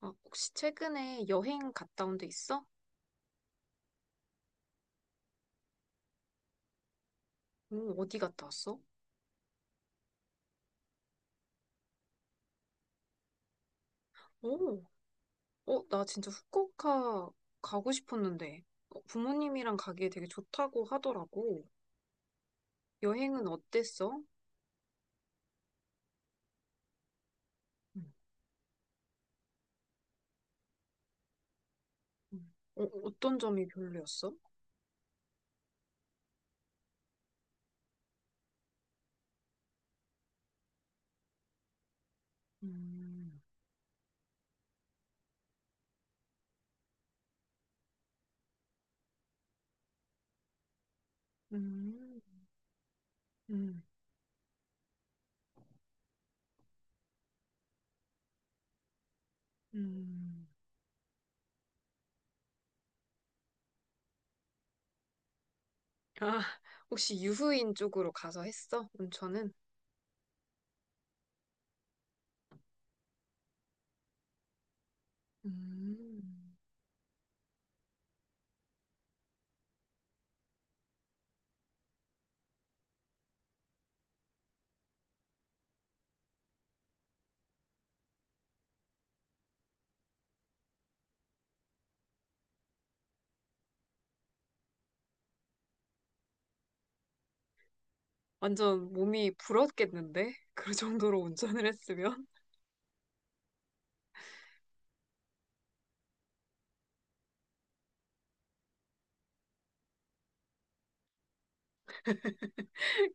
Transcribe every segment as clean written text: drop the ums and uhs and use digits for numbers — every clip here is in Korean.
아, 혹시 최근에 여행 갔다 온데 있어? 오, 어디 갔다 왔어? 오, 어, 나 진짜 후쿠오카 가고 싶었는데 어, 부모님이랑 가기에 되게 좋다고 하더라고. 여행은 어땠어? 음. 음. 어, 어떤 점이 별로였어? 음, 음, 음, 음. 아, 혹시 유후인 쪽으로 가서 했어? 온천은? 음. 완전 몸이 불었겠는데? 그 정도로 운전을 했으면?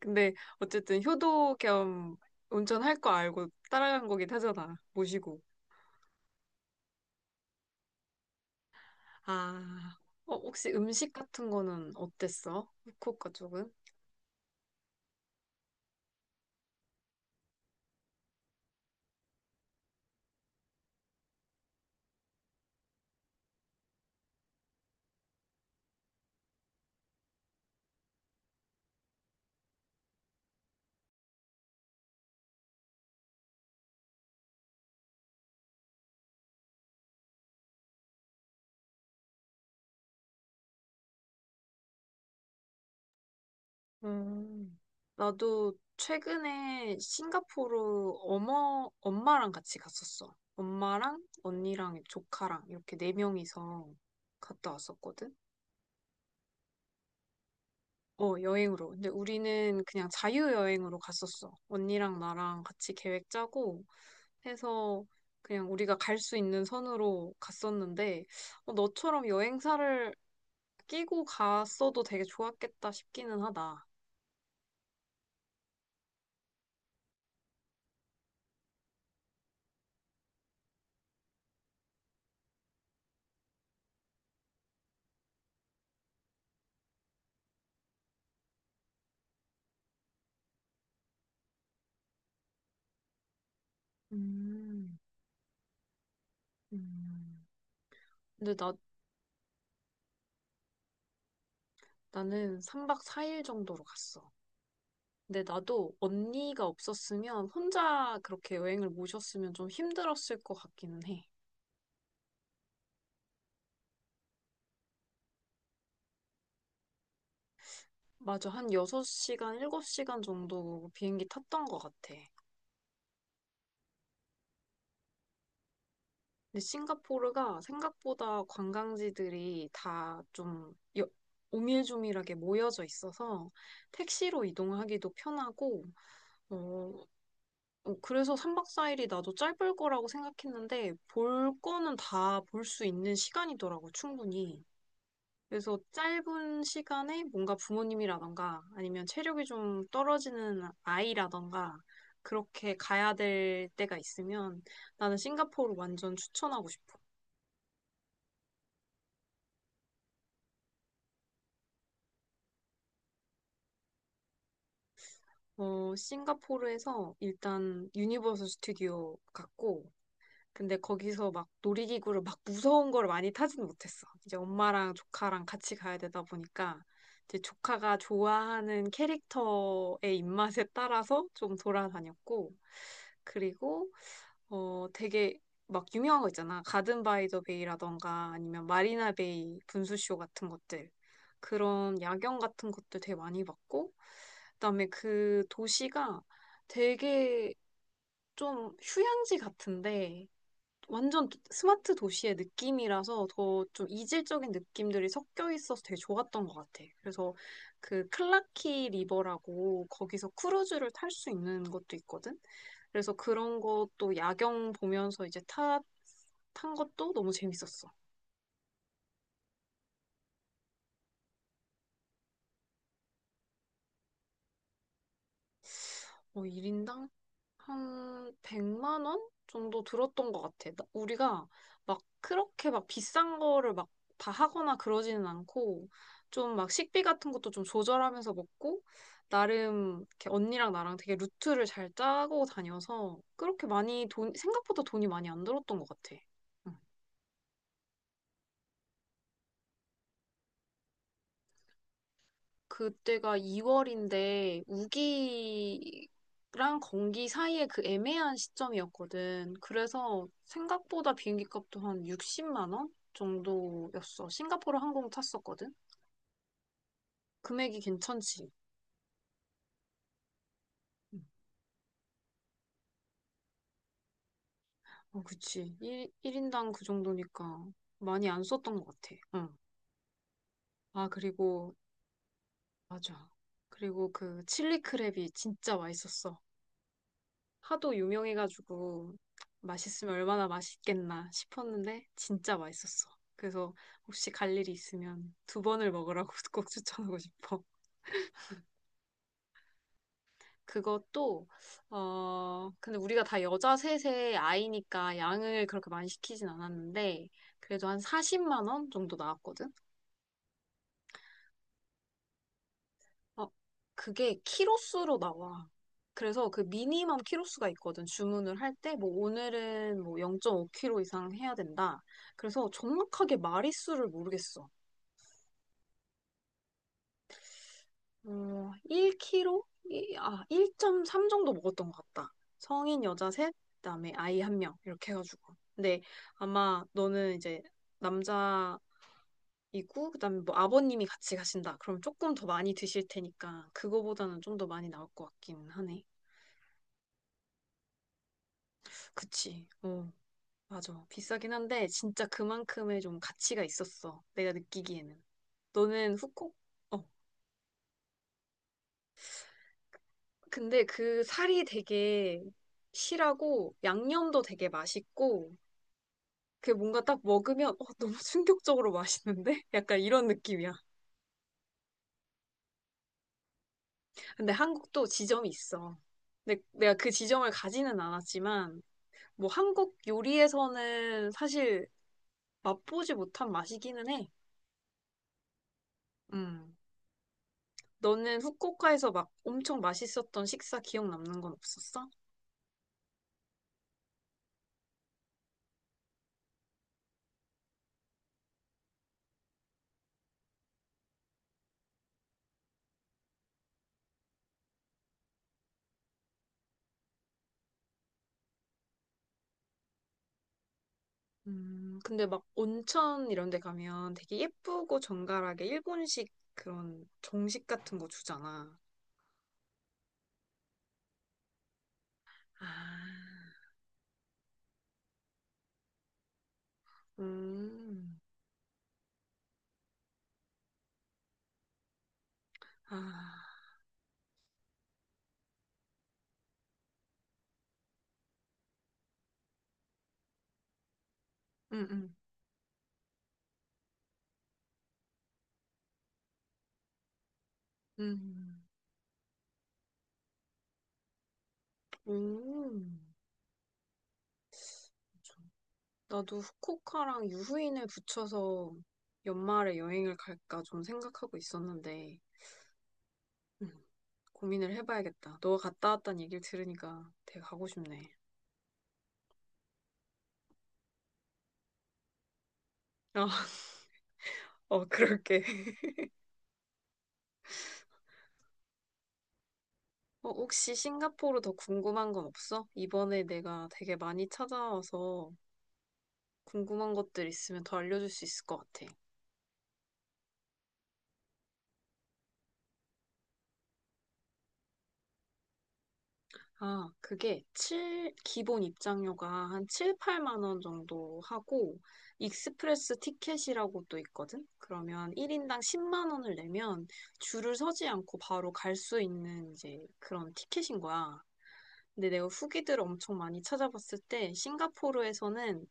근데 어쨌든 효도 겸 운전할 거 알고 따라간 거긴 하잖아. 모시고. 아, 어, 혹시 음식 같은 거는 어땠어? 후쿠오카 쪽은? 음, 나도 최근에 싱가포르 어머, 엄마랑 같이 갔었어. 엄마랑 언니랑 조카랑 이렇게 네 명이서 갔다 왔었거든. 어, 여행으로. 근데 우리는 그냥 자유여행으로 갔었어. 언니랑 나랑 같이 계획 짜고 해서 그냥 우리가 갈 수 있는 선으로 갔었는데 어, 너처럼 여행사를 끼고 갔어도 되게 좋았겠다 싶기는 하다. 음, 음, 근데 나, 나는 3박 4일 정도로 갔어. 근데 나도 언니가 없었으면 혼자 그렇게 여행을 모셨으면 좀 힘들었을 것 같기는 해. 맞아. 한 6시간, 7시간 정도 비행기 탔던 것 같아. 근데 싱가포르가 생각보다 관광지들이 다 좀 오밀조밀하게 모여져 있어서 택시로 이동하기도 편하고, 어, 어, 그래서 3박 4일이 나도 짧을 거라고 생각했는데 볼 거는 다 볼 수 있는 시간이더라고, 충분히. 그래서 짧은 시간에 뭔가 부모님이라던가 아니면 체력이 좀 떨어지는 아이라던가 그렇게 가야 될 때가 있으면 나는 싱가포르 완전 추천하고 싶어. 어, 싱가포르에서 일단 유니버설 스튜디오 갔고, 근데 거기서 막 놀이기구를 막 무서운 걸 많이 타진 못했어. 이제 엄마랑 조카랑 같이 가야 되다 보니까 이제 조카가 좋아하는 캐릭터의 입맛에 따라서 좀 돌아다녔고 그리고 어 되게 막 유명한 거 있잖아. 가든 바이 더 베이라던가 아니면 마리나 베이 분수쇼 같은 것들. 그런 야경 같은 것들 되게 많이 봤고 그다음에 그 도시가 되게 좀 휴양지 같은데 완전 스마트 도시의 느낌이라서 더 좀 이질적인 느낌들이 섞여 있어서 되게 좋았던 것 같아. 그래서 그 클라키 리버라고 거기서 크루즈를 탈 수 있는 것도 있거든. 그래서 그런 것도 야경 보면서 이제 탄 것도 너무 재밌었어. 어, 1인당 한 100만 원 정도 들었던 것 같아. 나- 우리가 막 그렇게 막 비싼 거를 막 다 하거나 그러지는 않고 좀 막 식비 같은 것도 좀 조절하면서 먹고 나름 이렇게 언니랑 나랑 되게 루트를 잘 짜고 다녀서 그렇게 많이 돈 생각보다 돈이 많이 안 들었던 것 같아. 응. 그때가 2월인데 우기랑 건기 사이에 그 애매한 시점이었거든. 그래서 생각보다 비행기 값도 한 60만 원 정도였어. 싱가포르 항공 탔었거든. 금액이 괜찮지. 응. 어, 그치. 일인당그 정도니까 많이 안 썼던 것 같아. 응. 아, 그리고 맞아. 그리고 그 칠리 크랩이 진짜 맛있었어. 하도 유명해가지고 맛있으면 얼마나 맛있겠나 싶었는데 진짜 맛있었어. 그래서 혹시 갈 일이 있으면 두 번을 먹으라고 꼭 추천하고 싶어. 그것도 어 근데 우리가 다 여자 셋의 아이니까 양을 그렇게 많이 시키진 않았는데 그래도 한 40만 원 정도 나왔거든. 어, 그게 키로수로 나와. 그래서 그 미니멈 키로수가 있거든. 주문을 할 때, 뭐, 오늘은 뭐 0 5 k 로 이상 해야 된다. 그래서 정확하게 마리수를 모르겠어. 어, 1 k 이 아, 1.3 정도 먹었던 것 같다. 성인 여자 셋, 그다음에 아이 한 명. 이렇게 해가지고. 근데 아마 너는 이제 남자이고, 그다음에 뭐 아버님이 같이 가신다. 그럼 조금 더 많이 드실 테니까, 그거보다는 좀 더 많이 나올 것 같기는 하네. 그치. 어. 맞아. 비싸긴 한데 진짜 그만큼의 좀 가치가 있었어. 내가 느끼기에는. 너는 후콕? 어. 근데 그 살이 되게 실하고 양념도 되게 맛있고 그게 뭔가 딱 먹으면 어, 너무 충격적으로 맛있는데? 약간 이런 느낌이야. 근데 한국도 지점이 있어. 근데 내가 그 지점을 가지는 않았지만 뭐 한국 요리에서는 사실 맛보지 못한 맛이기는 해. 음. 너는 후쿠오카에서 막 엄청 맛있었던 식사 기억 남는 건 없었어? 근데 막 온천 이런 데 가면 되게 예쁘고 정갈하게 일본식 그런 정식 같은 거 주잖아. 아, 음, 아, 음, 음, 음, 음. 그쵸. 나도 후쿠오카랑 유후인을 붙여서 연말에 여행을 갈까 좀 생각하고 있었는데, 음, 고민을 해봐야겠다. 너가 갔다 왔다는 얘기를 들으니까 되게 가고 싶네. 어, 그럴게. 어, 혹시 싱가포르 더 궁금한 건 없어? 이번에 내가 되게 많이 찾아와서 궁금한 것들 있으면 더 알려줄 수 있을 것 같아. 아, 그게 칠 기본 입장료가 한 7, 8만 원 정도 하고, 익스프레스 티켓이라고 또 있거든? 그러면 1인당 10만 원을 내면 줄을 서지 않고 바로 갈 수 있는 이제 그런 티켓인 거야. 근데 내가 후기들을 엄청 많이 찾아봤을 때, 싱가포르에서는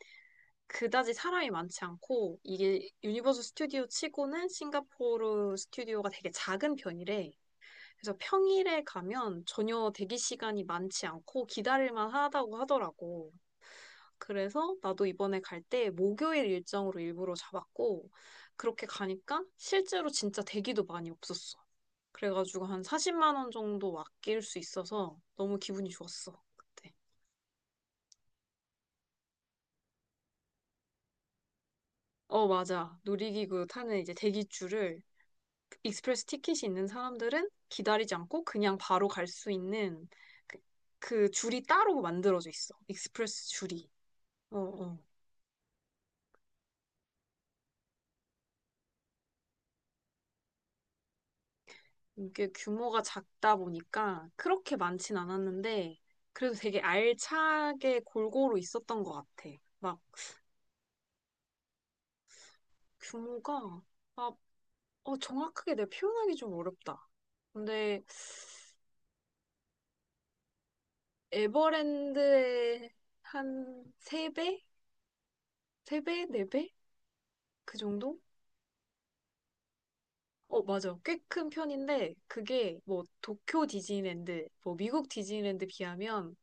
그다지 사람이 많지 않고 이게 유니버스 스튜디오 치고는 싱가포르 스튜디오가 되게 작은 편이래. 그래서 평일에 가면 전혀 대기 시간이 많지 않고 기다릴만 하다고 하더라고. 그래서 나도 이번에 갈 때 목요일 일정으로 일부러 잡았고 그렇게 가니까 실제로 진짜 대기도 많이 없었어. 그래가지고 한 40만 원 정도 아낄 수 있어서 너무 기분이 좋았어. 그때. 어, 맞아. 놀이기구 타는 이제 대기줄을 익스프레스 티켓이 있는 사람들은 기다리지 않고 그냥 바로 갈 수 있는 그, 그 줄이 따로 만들어져 있어. 익스프레스 줄이. 어, 어. 이게 규모가 작다 보니까 그렇게 많진 않았는데 그래도 되게 알차게 골고루 있었던 것 같아. 막 규모가 아, 어, 정확하게 내가 표현하기 좀 어렵다. 근데 에버랜드의 한 세배세배네배그 정도? 어, 맞아. 꽤 큰 편인데, 그게 뭐 도쿄 디즈니랜드, 뭐 미국 디즈니랜드 비하면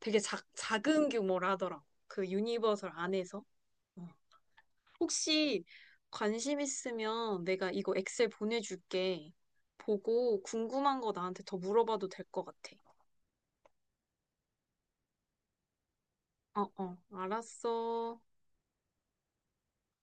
되게 작은 규모라더라. 그 유니버설 안에서. 어. 혹시 관심 있으면 내가 이거 엑셀 보내줄게. 보고 궁금한 거 나한테 더 물어봐도 될 것 같아. 어, 어, 알았어.